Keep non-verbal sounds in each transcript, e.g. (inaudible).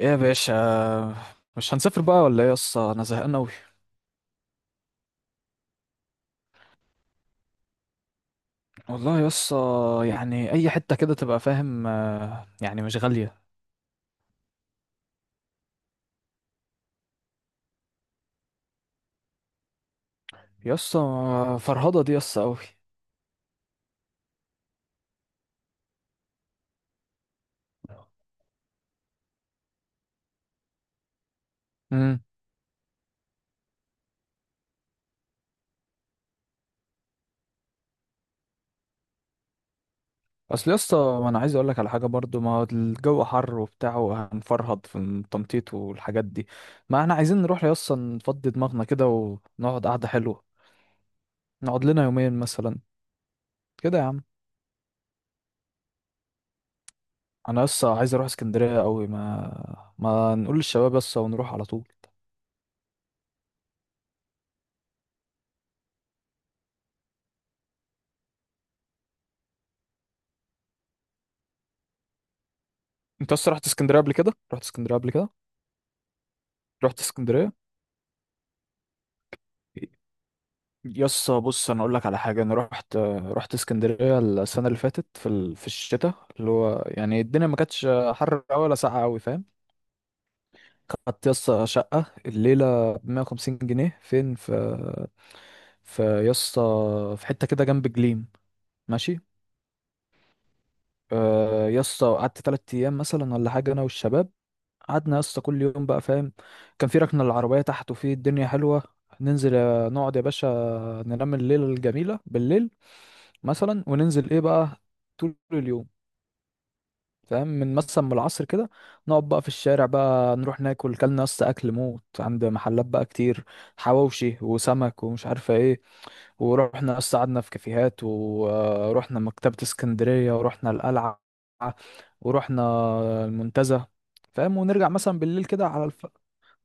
ايه يا باشا؟ مش هنسافر بقى ولا ايه يسطا؟ انا زهقان اوي. والله يسطا يعني اي حته كده تبقى فاهم، آه، يعني مش غاليه. يسطا فرهضه دي يسطا اوي. امم اصل يسطا ما انا عايز اقول لك على حاجه برضو، ما هو الجو حر وبتاع وهنفرهد في التنطيط والحاجات دي. ما احنا عايزين نروح يسطا نفضي دماغنا كده ونقعد قعده حلوه، نقعد لنا يومين مثلا، كده يا عم. انا يسطا عايز اروح اسكندريه اوي، ما نقول للشباب يسطا ونروح على طول. انت اصلا رحت اسكندريه قبل كده؟ رحت اسكندريه قبل كده؟ رحت اسكندريه؟ يس بص، انا اقول لك على حاجه. انا رحت اسكندريه السنه اللي فاتت في الشتاء، اللي هو يعني الدنيا ما كانتش حر قوي ولا ساقعه قوي، فاهم. خدت يس شقه الليله ب 150 جنيه. فين في يس في حته كده جنب جليم، ماشي. آه، يا اسطى قعدت 3 ايام مثلا ولا حاجه، انا والشباب. قعدنا يا اسطى كل يوم بقى، فاهم. كان في ركنه العربيه تحت وفي الدنيا حلوه، ننزل آه، نقعد يا باشا، ننام الليله الجميله بالليل مثلا، وننزل ايه بقى طول اليوم. فاهم، من مثلا من العصر كده نقعد بقى في الشارع بقى، نروح ناكل كلنا يا اسطى اكل موت عند محلات بقى كتير، حواوشي وسمك ومش عارفه ايه. ورحنا أصلا قعدنا في كافيهات، ورحنا مكتبة اسكندرية، ورحنا القلعة، ورحنا المنتزه. فاهم، ونرجع مثلا بالليل كده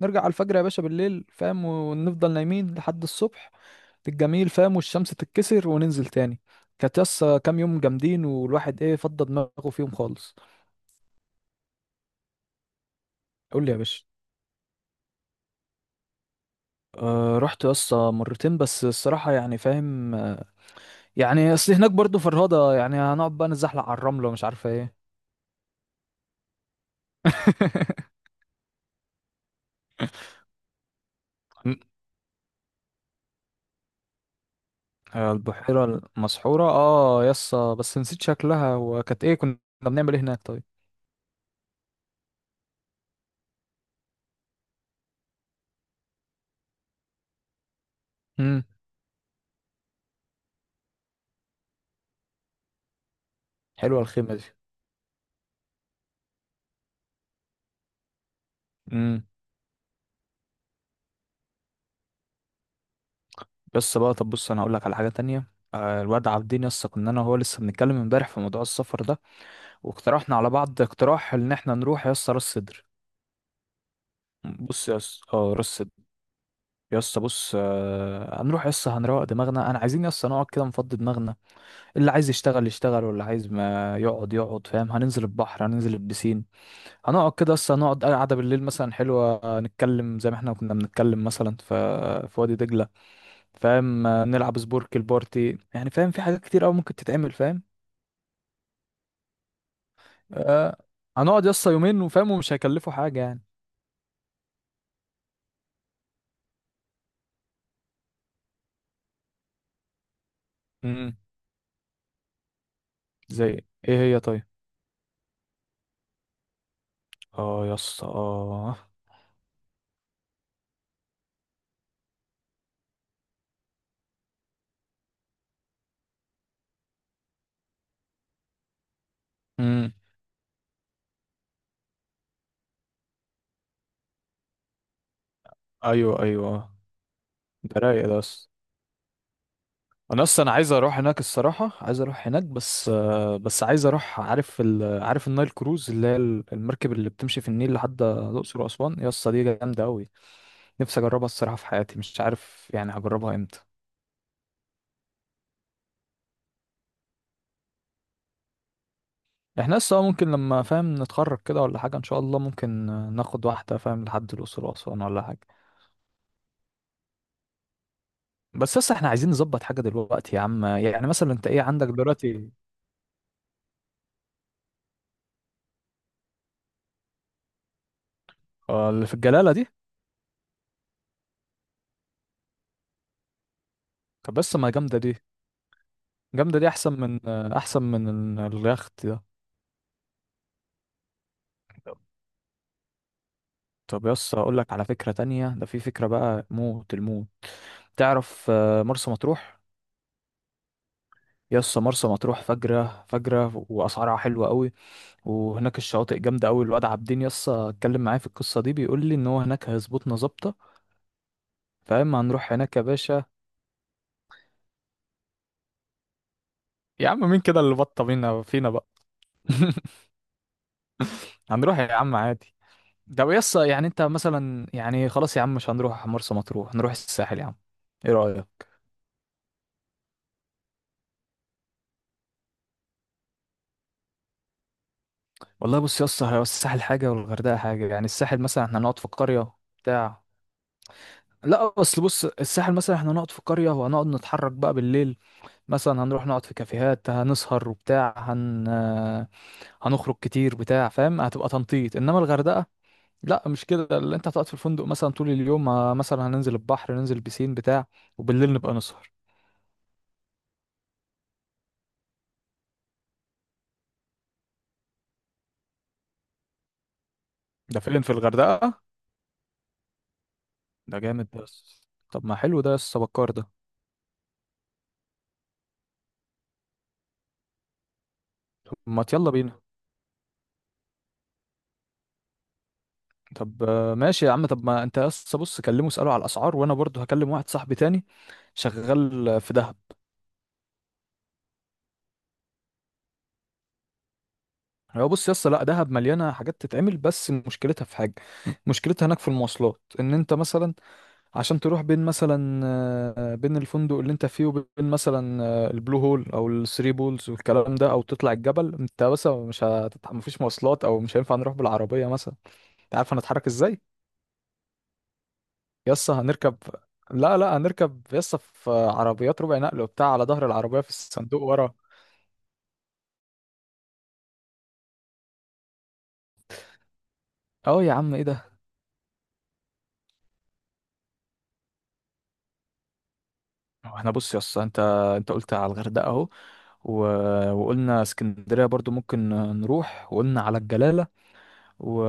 نرجع على الفجر يا باشا بالليل، فاهم، ونفضل نايمين لحد الصبح الجميل، فاهم، والشمس تتكسر وننزل تاني. كانت يسا كام يوم جامدين، والواحد ايه فضى دماغه فيهم خالص. قول لي يا باشا. أه رحت يسا مرتين بس، الصراحة يعني فاهم، آه، يعني اصل هناك برضو فرهضة، يعني هنقعد بقى نتزحلق على الرملة ومش عارفة ايه. (laughs) آه، البحيرة المسحورة، اه يسا بس نسيت شكلها، وكانت ايه كنا بنعمل ايه هناك طيب؟ امم حلوة الخيمة دي. امم يسا بقى طب بص، انا هقول لك على حاجة تانية. آه، الواد عابدين يسا كنا انا وهو لسه بنتكلم امبارح في موضوع السفر ده، واقترحنا على بعض اقتراح ان احنا نروح يسا راس سدر. بص يسا، اه راس سدر. يسا بص آه، هنروح يسا هنروق دماغنا، انا عايزين يسا نقعد كده نفضي دماغنا. اللي عايز يشتغل يشتغل، واللي عايز ما يقعد يقعد، فاهم. هننزل البحر، هننزل البسين، هنقعد كده، اصلا نقعد قعده بالليل مثلا حلوه نتكلم زي ما احنا كنا بنتكلم مثلا في وادي دجله. فاهم، نلعب سبورك البارتي، يعني فاهم في حاجات كتير قوي ممكن تتعمل، فاهم. آه. هنقعد يسطا يومين وفاهم، ومش هيكلفوا حاجه يعني. امم زي ايه هي طيب؟ اه يسطا اه. امم ايوه ايوه، ده رايق ده يسطا. انا اصلا عايز اروح هناك، الصراحه عايز اروح هناك، بس آه، بس عايز اروح عارف النايل كروز اللي هي المركب اللي بتمشي في النيل لحد الاقصر واسوان، يا اسطى دي جامده قوي. نفسي اجربها الصراحه، في حياتي مش عارف يعني هجربها امتى. احنا لسه ممكن لما فاهم نتخرج كده ولا حاجه ان شاء الله ممكن آه، ناخد واحده فاهم لحد الاقصر واسوان ولا حاجه. بس لسه احنا عايزين نظبط حاجه دلوقتي يا عم، يعني مثلا انت ايه عندك دلوقتي؟ آه، اللي في الجلاله دي؟ طب بس ما جامده دي، جامده دي احسن من آه، احسن من اليخت ده. طب يس اقول لك على فكرة تانية، ده في فكرة بقى موت الموت. تعرف آه، مرسى مطروح. يس مرسى مطروح فجرة فجرة، واسعارها حلوة قوي، وهناك الشواطئ جامدة قوي. الواد عابدين يس اتكلم معايا في القصة دي، بيقول لي ان هو هناك هيظبطنا ظابطة. فاما هنروح هناك يا باشا. يا عم مين كده اللي بطة بينا فينا بقى؟ (laughs) هنروح يا عم عادي. ده يس يعني انت مثلا يعني، خلاص يا عم مش هنروح مرسى مطروح، هنروح الساحل يا عم. ايه رأيك؟ والله بص يا اسطى، هو الساحل حاجه والغردقه حاجه، يعني الساحل مثلا احنا نقعد في القريه بتاع. لا بس بص، الساحل مثلا احنا نقعد في قريه، وهنقعد نتحرك بقى بالليل، مثلا هنروح نقعد في كافيهات، هنسهر وبتاع، هنخرج كتير بتاع، فاهم، هتبقى تنطيط. انما الغردقه لا مش كده، اللي انت هتقعد في الفندق مثلا طول اليوم، مثلا هننزل البحر، ننزل بسين بتاع، وبالليل نبقى نسهر. ده فين؟ في الغردقه؟ ده جامد بس. طب ما حلو ده يا اسطى بكار ده. ما يلا بينا. طب آه، ماشي يا عم، طب ما انت يس بص كلمه اساله على الاسعار، وانا برضو هكلم واحد صاحبي تاني شغال في دهب. هو بص يس، لا دهب مليانه حاجات تتعمل، بس مشكلتها في حاجه. مشكلتها هناك في المواصلات، ان انت مثلا عشان تروح بين مثلا آه، بين الفندق اللي انت فيه وبين مثلا آه، البلو هول او الثري بولز والكلام ده، او تطلع الجبل، انت بس مش مفيش مواصلات، او مش هينفع نروح بالعربيه مثلا. انت عارف هنتحرك ازاي؟ يسا هنركب، لا هنركب يسا في عربيات ربع نقل وبتاع، على ظهر العربية في الصندوق ورا. اه يا عم ايه ده؟ هو احنا بص يسا، انت قلت على الغردقة اهو، و... وقلنا اسكندرية برضو ممكن نروح، وقلنا على الجلالة، و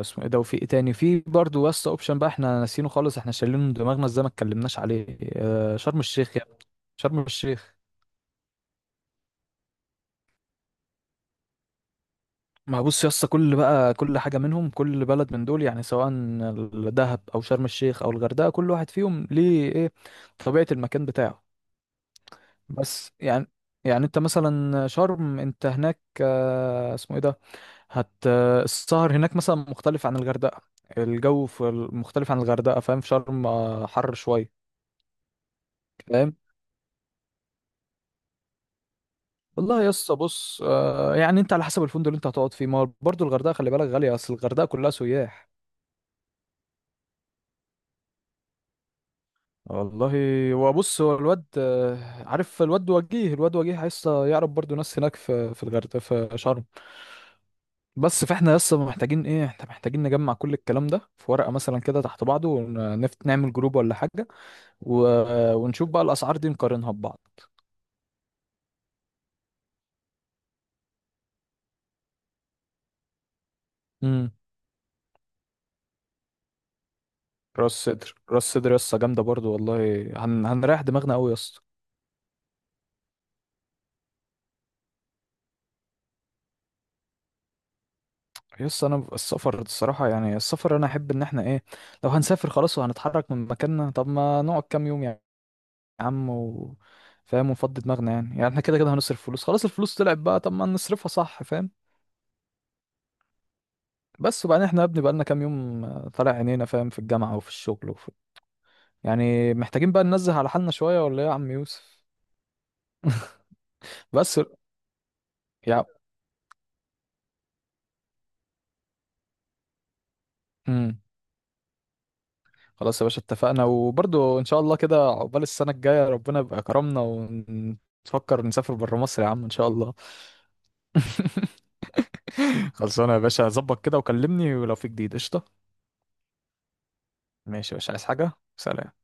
اسمه ايه ده، وفي ايه تاني، في برضو يسا اوبشن بقى احنا ناسينه خالص، احنا شايلينه من دماغنا ازاي، ما اتكلمناش عليه، آه، شرم الشيخ يا ابني. شرم الشيخ. ما بص يا اسطى، كل بقى كل حاجه منهم، كل بلد من دول يعني سواء دهب او شرم الشيخ او الغردقه، كل واحد فيهم ليه ايه، طبيعه المكان بتاعه. بس يعني، يعني انت مثلا شرم انت هناك آه، اسمه ايه ده، هت آه، السهر هناك مثلا مختلف عن الغردقه، الجو مختلف عن الغردقه، فاهم، في شرم آه، حر شويه. فاهم. والله يا اسطى بص آه، يعني انت على حسب الفندق اللي انت هتقعد فيه، ما برضه الغردقه خلي بالك غاليه، اصل الغردقه كلها سياح. والله هو بص، هو الواد آه، عارف الواد وجيه، لسه يعرف برضو ناس هناك في الغردقه في شرم. بس فاحنا لسه محتاجين ايه، احنا محتاجين نجمع كل الكلام ده في ورقه مثلا كده تحت بعضه، ونفت نعمل جروب ولا حاجه، و... ونشوف بقى الاسعار دي نقارنها ببعض. امم راس صدر، راس صدر لسه جامده برضو والله. هنريح دماغنا قوي يا اسطى. يس انا السفر الصراحه، يعني السفر انا احب ان احنا ايه، لو هنسافر خلاص وهنتحرك من مكاننا طب ما نقعد كام يوم يعني. يا عم، فاهم ونفضي دماغنا يعني، يعني احنا كده كده هنصرف فلوس خلاص، الفلوس طلعت بقى، طب ما نصرفها صح فاهم. بس وبعدين احنا يا ابني بقالنا كام يوم آه، طالع عينينا فاهم في الجامعة وفي الشغل يعني محتاجين بقى ننزه على حالنا شوية ولا ايه يا عم يوسف. (laughs) بس يا امم خلاص يا باشا اتفقنا، وبرضو ان شاء الله كده عقبال السنة الجاية ربنا يبقى كرمنا، ونفكر نسافر بره مصر يا عم ان شاء الله. (laughs) خلصانة يا باشا، ظبط كده وكلمني ولو في جديد، قشطة. ماشي يا باشا، عايز حاجة؟ سلام.